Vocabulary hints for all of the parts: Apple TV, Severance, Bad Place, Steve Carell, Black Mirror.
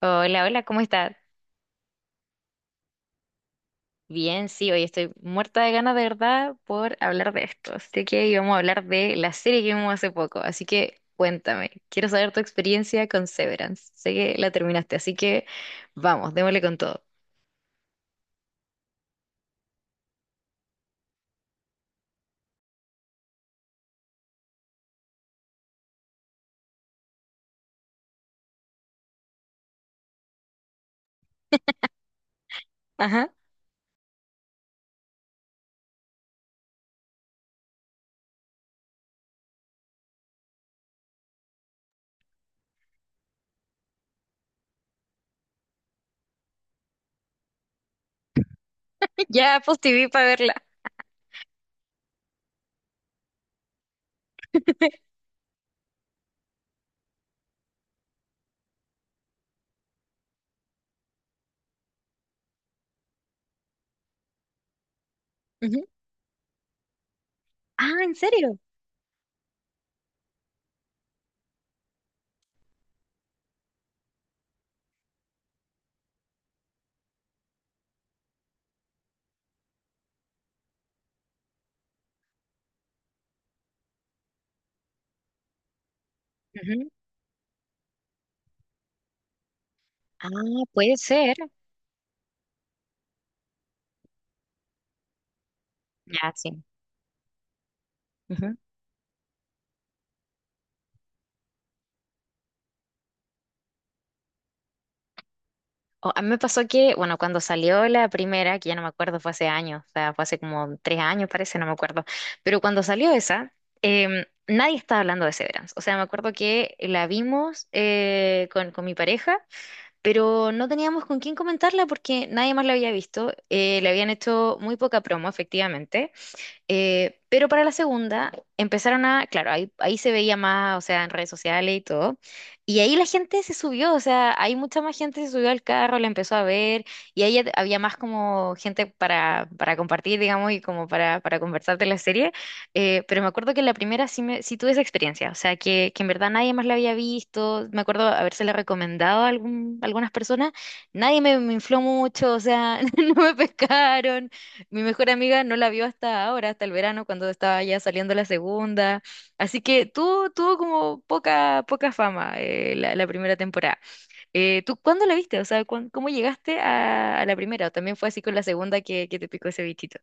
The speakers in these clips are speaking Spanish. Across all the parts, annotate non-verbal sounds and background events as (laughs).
Hola, hola, ¿cómo estás? Bien, sí, hoy estoy muerta de ganas de verdad por hablar de esto. Así que íbamos a hablar de la serie que vimos hace poco. Así que cuéntame, quiero saber tu experiencia con Severance. Sé que la terminaste, así que vamos, démosle con todo. Ajá. (laughs) Ya Apple TV para verla. Ujú. Ah, ¿en serio? Ujú. Ah, puede ser. Ya, sí. A mí me pasó que, bueno, cuando salió la primera, que ya no me acuerdo, fue hace años, o sea, fue hace como tres años, parece, no me acuerdo, pero cuando salió esa, nadie estaba hablando de Severance. O sea, me acuerdo que la vimos con mi pareja, pero no teníamos con quién comentarla porque nadie más la había visto. Le habían hecho muy poca promo, efectivamente, pero para la segunda empezaron a, claro, ahí, ahí se veía más, o sea, en redes sociales y todo. Y ahí la gente se subió, o sea, ahí mucha más gente se subió al carro, la empezó a ver, y ahí ya había más como gente para compartir, digamos, y como para conversar de la serie. Pero me acuerdo que en la primera sí, me, sí tuve esa experiencia, o sea, que en verdad nadie más la había visto. Me acuerdo habérsela recomendado a algún, algunas personas, nadie me, me infló mucho, o sea, (laughs) no me pescaron. Mi mejor amiga no la vio hasta ahora, hasta el verano, cuando estaba ya saliendo la segunda. Así que tuvo, tuvo como poca, poca fama la, la primera temporada. ¿Tú cuándo la viste? O sea, ¿cómo llegaste a la primera? ¿O también fue así con la segunda que te picó ese bichito?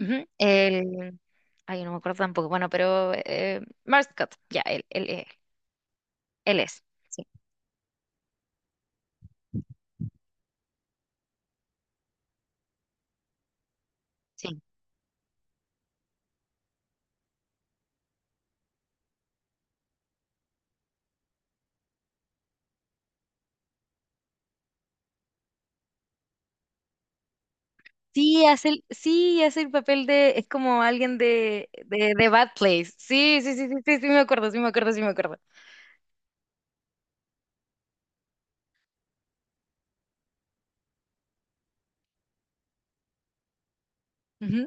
Ujú. El... Ay, no me acuerdo tampoco. Bueno, pero Scott, ya, él es. Sí, sí. Sí, hace el papel de, es como alguien de Bad Place. Sí, sí, sí, sí, sí, sí, me acuerdo, sí, me acuerdo, sí, me acuerdo. Ujú.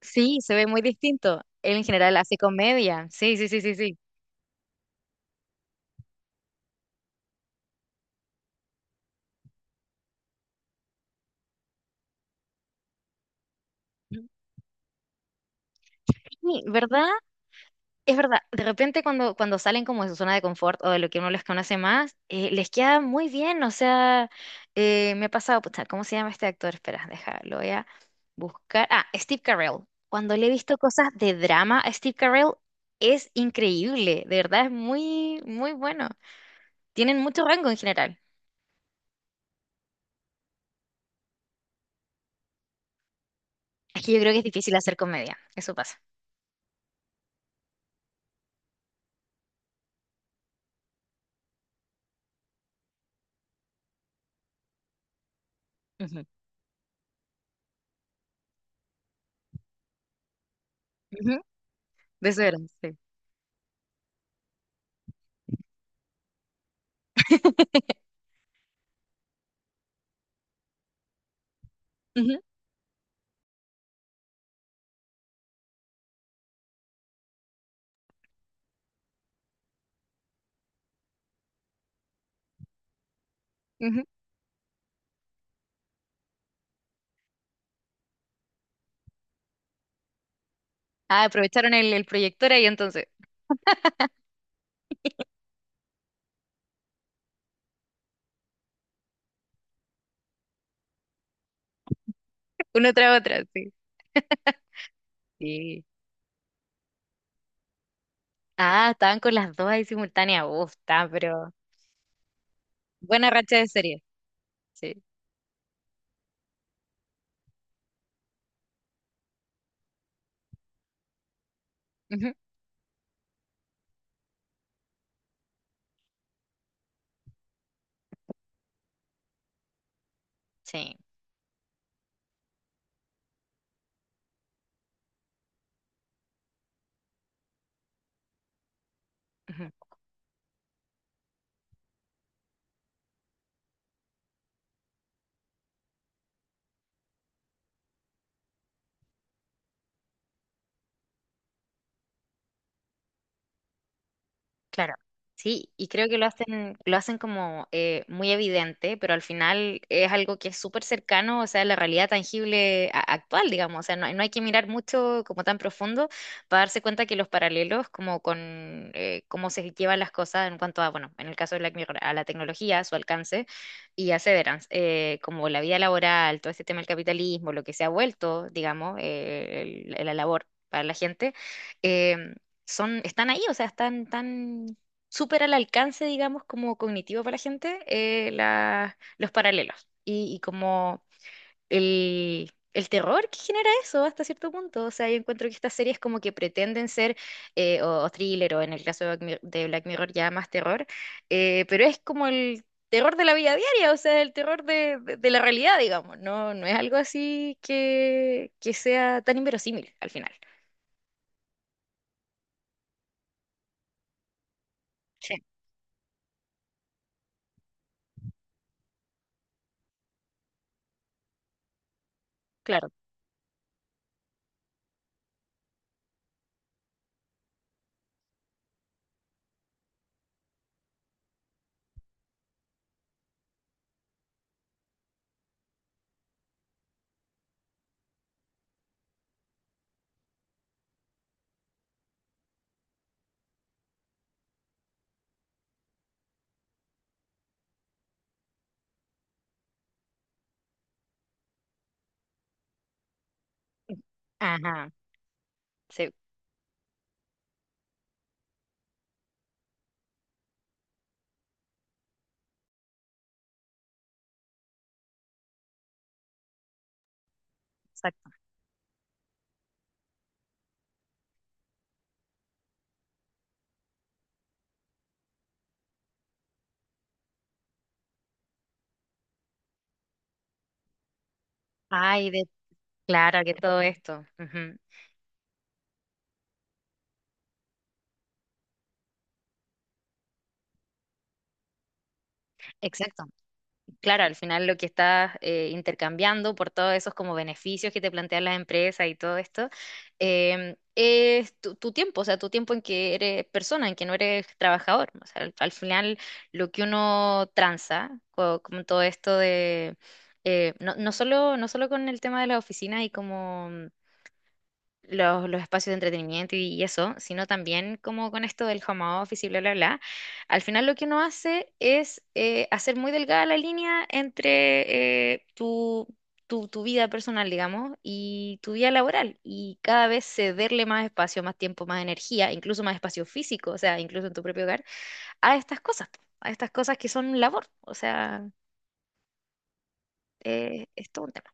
Sí, se ve muy distinto. Él en general hace comedia. Sí, sí, sí, sí, sí. Sí, ¿verdad? Es verdad. De repente cuando, cuando salen como de su zona de confort o de lo que uno les conoce más, les queda muy bien. O sea, me ha pasado, pucha, ¿cómo se llama este actor? Espera, deja, lo voy a buscar. Ah, Steve Carell. Cuando le he visto cosas de drama a Steve Carell, es increíble. De verdad, es muy, muy bueno. Tienen mucho rango en general. Es que yo creo que es difícil hacer comedia. Eso pasa. Ujú. Ujú. De eso eran, sí. (laughs) Ujú, ujú. Ah, aprovecharon el proyector ahí entonces. (laughs) Una tras otra, sí. Sí. Ah, estaban con las dos ahí simultáneas. Uf, está, pero buena racha de serie. Sí. Ujú. Sí. Ujú. Claro, sí, y creo que lo hacen como muy evidente, pero al final es algo que es súper cercano, o sea, la realidad tangible actual, digamos, o sea, no, no hay que mirar mucho como tan profundo para darse cuenta que los paralelos como con cómo se llevan las cosas en cuanto a, bueno, en el caso de Black Mirror, a la tecnología, a su alcance y a Severance, como la vida laboral, todo este tema del capitalismo, lo que se ha vuelto, digamos, la labor para la gente. eh, Son, están ahí, o sea, están tan súper al alcance, digamos, como cognitivo para la gente, los paralelos y como el terror que genera eso hasta cierto punto. O sea, yo encuentro que estas series como que pretenden ser o thriller o en el caso de Black Mirror ya más terror, pero es como el... terror de la vida diaria, o sea, el terror de, de la realidad, digamos, no, no es algo así que sea tan inverosímil al final. Sí. Claro. Ajá. Sí, exacto. Ay, de, claro, que todo esto. Ujú. Exacto. Claro, al final lo que estás intercambiando por todos esos como beneficios que te plantean las empresas y todo esto, es tu, tu tiempo, o sea, tu tiempo en que eres persona, en que no eres trabajador. O sea, al, al final lo que uno tranza con, todo esto de... no, no solo, no solo con el tema de las oficinas y como los espacios de entretenimiento y eso, sino también como con esto del home office y bla, bla, bla, al final lo que uno hace es hacer muy delgada la línea entre tu, tu vida personal, digamos, y tu vida laboral, y cada vez cederle más espacio, más tiempo, más energía, incluso más espacio físico, o sea, incluso en tu propio hogar, a estas cosas, po, a estas cosas que son labor, o sea, es todo un tema.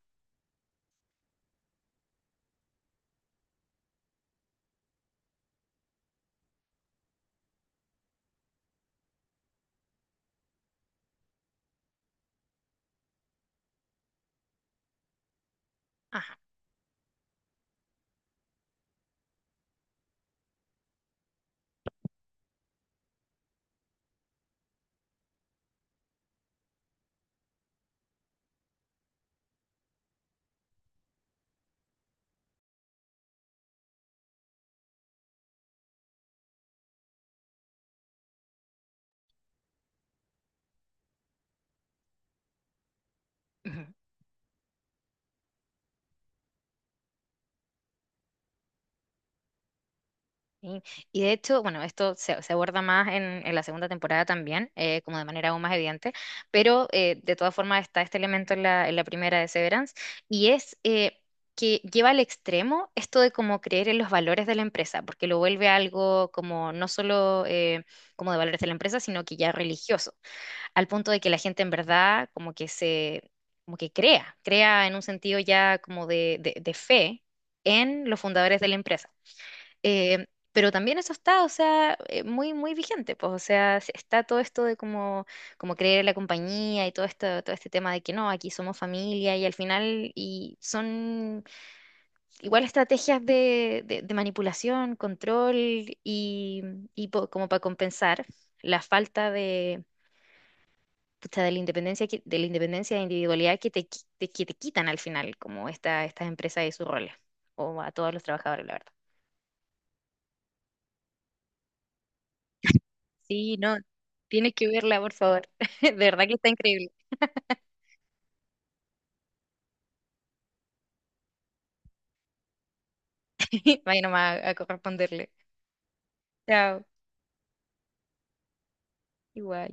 Ajá. Sí, y de hecho, bueno, esto se, se aborda más en la segunda temporada también, como de manera aún más evidente, pero de todas formas está este elemento en la primera de Severance, y es que lleva al extremo esto de como creer en los valores de la empresa, porque lo vuelve algo como no solo como de valores de la empresa, sino que ya religioso, al punto de que la gente en verdad como que se, como que crea, crea en un sentido ya como de, de fe en los fundadores de la empresa. Eh, pero también eso está, o sea, muy, muy vigente, pues, o sea, está todo esto de como, como creer en la compañía y todo esto, todo este tema de que no, aquí somos familia y al final, y son igual estrategias de, de manipulación, control y, y po- como para compensar la falta de, pucha, de la independencia, de la independencia e individualidad que te, que te quitan al final, como esta, estas empresas y sus roles, o a todos los trabajadores, la verdad. Sí, no, tienes que verla, por favor. (laughs) De verdad que está increíble. (laughs) Vaya nomás a corresponderle. Chao. Igual.